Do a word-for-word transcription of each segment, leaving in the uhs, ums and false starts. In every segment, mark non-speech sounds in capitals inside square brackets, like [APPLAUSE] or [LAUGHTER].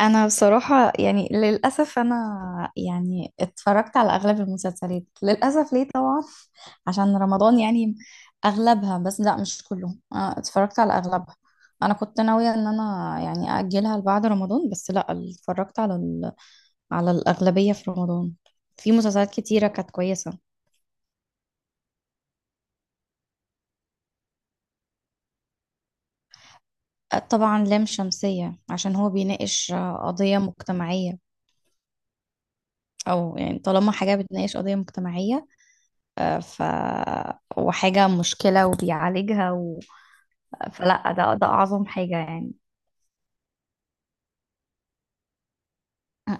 انا بصراحة يعني للأسف انا يعني اتفرجت على اغلب المسلسلات للأسف، ليه طبعا؟ عشان رمضان يعني. اغلبها، بس لا، مش كلهم، أنا اتفرجت على اغلبها. انا كنت ناوية ان انا يعني اجلها لبعد رمضان، بس لا، اتفرجت على ال... على الاغلبية في رمضان. في مسلسلات كتيرة كانت كويسة. آه، طبعا لام شمسية عشان هو بيناقش آه، قضية مجتمعية. او يعني طالما حاجة بتناقش قضية مجتمعية، آه، ف وحاجة مشكلة وبيعالجها و... فلا ده ده أعظم حاجة يعني.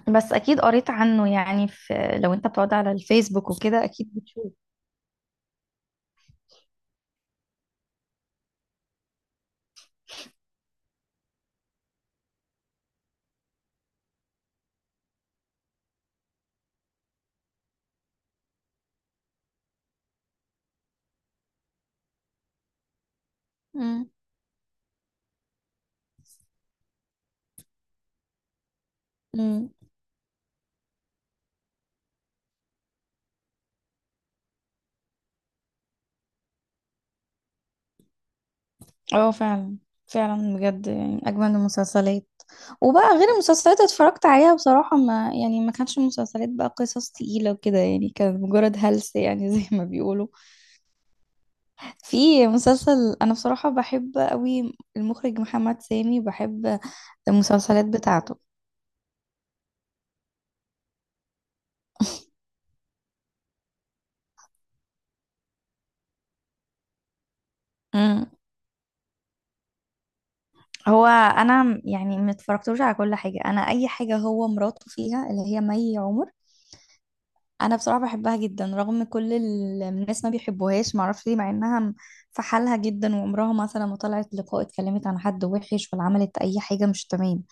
بس أكيد قريت عنه يعني في لو أنت بتقعد على الفيسبوك وكده أكيد بتشوف. مم. مم. اه فعلا، فعلا بجد يعني أجمل المسلسلات. وبقى غير المسلسلات اتفرجت عليها بصراحة، ما يعني ما كانتش مسلسلات، بقى قصص تقيلة وكده، يعني كانت مجرد هلس يعني [LAUGHS] زي ما بيقولوا. في مسلسل، أنا بصراحة بحب قوي المخرج محمد سامي، بحب المسلسلات بتاعته. امم هو انا م- يعني ما اتفرجتوش على كل حاجه، انا اي حاجه هو مراته فيها، اللي هي مي عمر. انا بصراحه بحبها جدا رغم كل ال- الناس ما بيحبوهاش، ما اعرفش ليه، مع انها م- في حالها جدا، وعمرها مثلا ما طلعت لقاء اتكلمت عن حد وحش، ولا عملت اي حاجه مش تمام،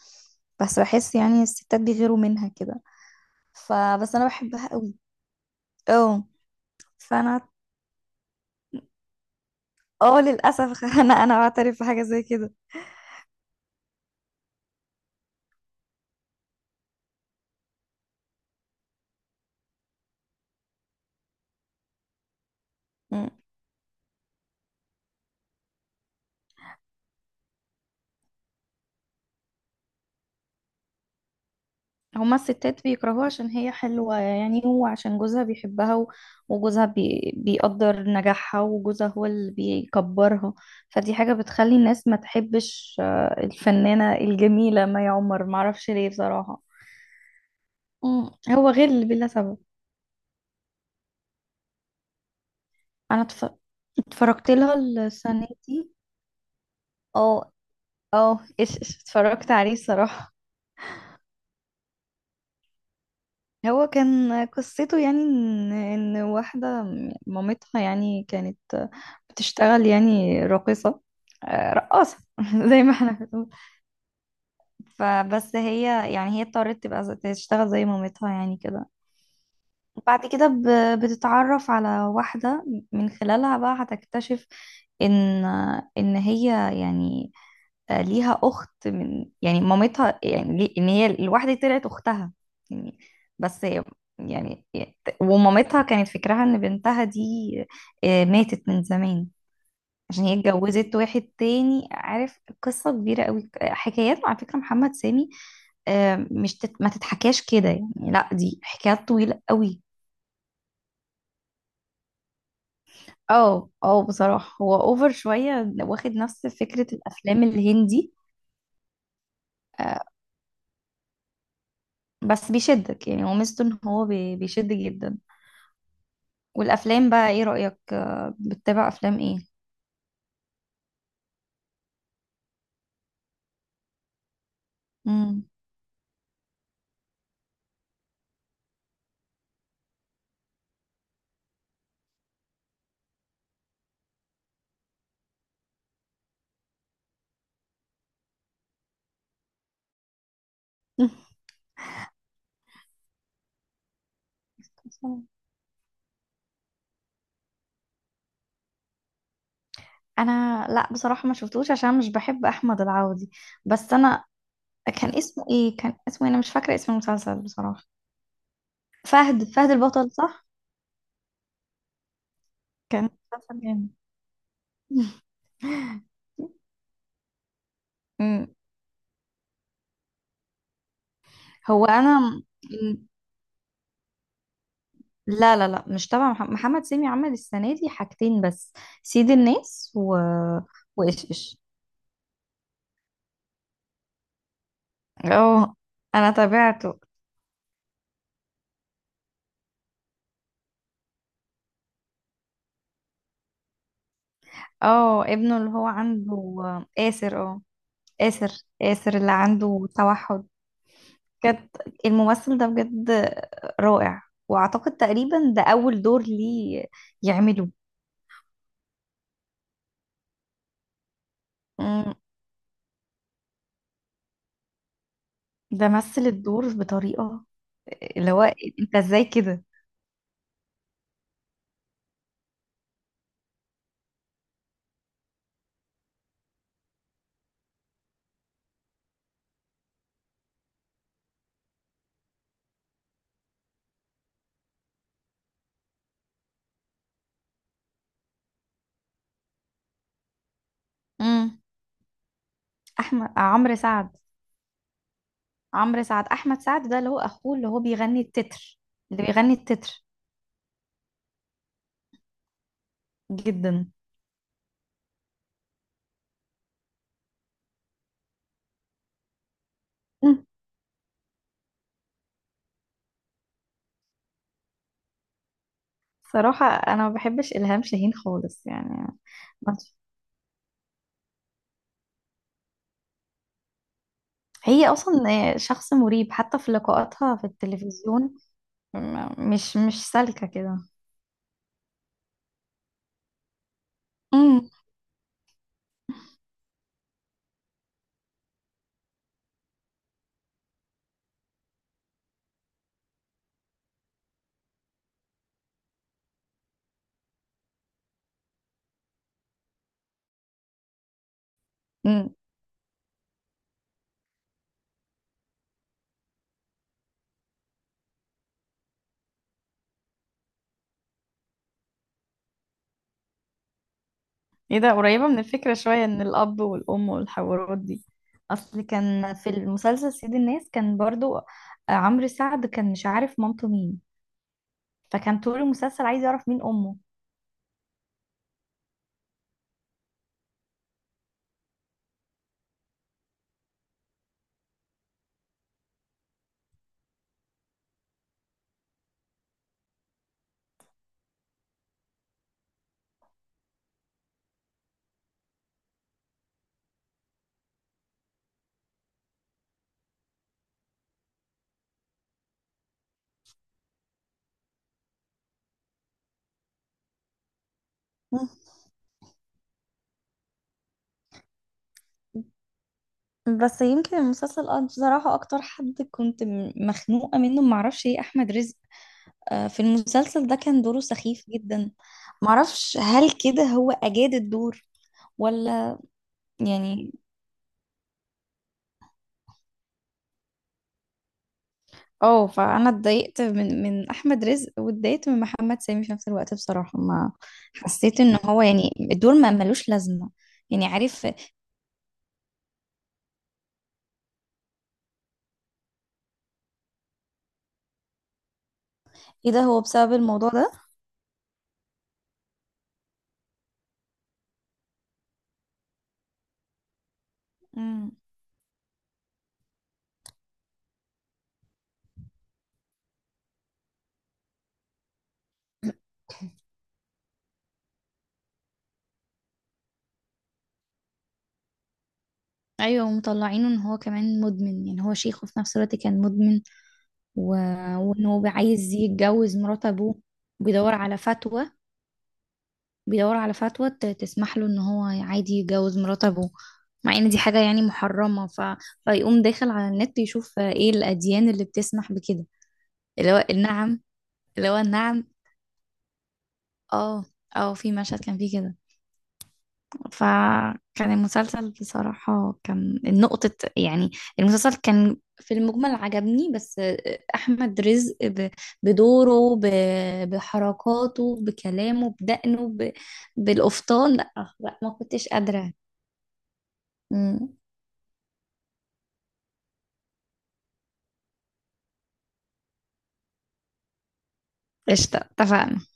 بس بحس يعني الستات بيغيروا منها كده، فبس انا بحبها قوي. اه. فانا اه للاسف [LAUGHS] انا انا بعترف بحاجه زي كده. هما الستات بيكرهوها عشان هي حلوة يعني، هو عشان جوزها بيحبها و- وجوزها بي... بيقدر نجاحها، وجوزها هو اللي بيكبرها. فدي حاجة بتخلي الناس ما تحبش آه، الفنانة الجميلة مي عمر، معرفش ليه بصراحة. مم. هو غل بلا سبب. انا اتف... اتفرجت لها السنة دي. اه. اه، ايش إيش، اتفرجت عليه الصراحة. هو كان قصته يعني ان إن واحده، مامتها يعني كانت بتشتغل يعني راقصه، آه، رقاصه [LAUGHS] زي ما احنا بنقول. فبس هي يعني هي اضطرت تبقى زي- تشتغل زي مامتها يعني كده. بعد كده ب- بتتعرف على واحدة، من خلالها بقى هتكتشف ان ان هي يعني آه، ليها اخت من يعني مامتها، يعني ليه- ان هي الواحدة دي طلعت اختها يعني. بس هي- يعني، ومامتها كانت فكرها ان بنتها دي آه، ماتت من زمان، عشان هي اتجوزت واحد تاني، عارف؟ قصة كبيرة قوي، حكايات على فكرة محمد سامي، آه، مش تت... ما تتحكاش كده يعني. لا، دي حكايات طويلة قوي. اه اه بصراحة، هو اوفر شوية، واخد نفس فكرة الافلام الهندي، آه، بس بيشدك يعني، هو ميزته ان هو بي- بيشد جدا. والافلام بقى، ايه رأيك؟ آه، بتتابع افلام ايه؟ مم. [LAUGHS] انا لا، بصراحة ما شفتوش عشان مش بحب احمد العوضي. بس انا، كان اسمه ايه؟ كان اسمه إيه؟ انا مش فاكرة اسم المسلسل بصراحة. فهد فهد البطل، صح؟ كان مسلسل جامد. [LAUGHS] مم. هو انا، لا لا لا، مش تبع مح- محمد سامي. عمل السنة دي حاجتين بس: سيد الناس و... وإيش إيش. اه، أنا تابعته. اه، ابنه اللي هو عنده آسر. اه، آسر آسر اللي عنده توحد. بجد الممثل ده بجد رائع. وأعتقد تقريبا ده أول دور ليه يعمله. مم. ده مثل الدور بطريقة، اللي هو، أنت إزاي كده. مم. أحمد عمرو سعد. عمرو سعد، احمد سعد ده اللي هو اخوه، اللي هو بيغني التتر. اللي بيغني التتر. جدا. مم. صراحة انا ما بحبش الهام شاهين خالص يعني. ما- هي اصلا شخص مريب، حتى في لقاءاتها في التلفزيون. م- مش مش سالكة كده. امم أمم. ايه ده، قريبة من الفكرة شوية، ان الاب والام والحوارات دي. اصل كان في المسلسل سيد الناس كان برضو عمرو سعد كان مش عارف مامته مين، فكان طول المسلسل عايز يعرف مين امه. مم. بس يمكن المسلسل اه بصراحة، أكتر حد كنت م- مخنوقة منه معرفش ايه، أحمد رزق. آه، في المسلسل ده كان دوره سخيف جدا. معرفش هل كده هو أجاد الدور ولا. يعني اه فأنا اتضايقت من من أحمد رزق، واتضايقت من محمد سامي في نفس الوقت بصراحة. ما حسيت إن هو يعني الدور ما ملوش لازمة، يعني عارف؟ ايه ده؟ هو بسبب الموضوع ده؟ مم. ايوه ومطلعينه ان هو كمان مدمن، يعني هو شيخ وفي نفس الوقت كان مدمن و... وان هو عايز يتجوز مرات ابوه. بيدور على فتوى بيدور على فتوى ت- تسمح له ان هو عادي يتجوز مرات ابوه، مع ان دي حاجة يعني محرمة. ف... فيقوم داخل على النت يشوف ايه الاديان اللي بتسمح بكده، اللي هو النعم. اللي هو النعم. اه اه، في مشهد كان فيه كده. فكان المسلسل بصراحة كان نقطة يعني. المسلسل كان في المجمل عجبني، بس أحمد رزق ب- بدوره، ب- بحركاته، بكلامه، بدقنه، ب- بالقفطان، لا لا، ما كنتش قادرة. مم. قشطة، اتفقنا.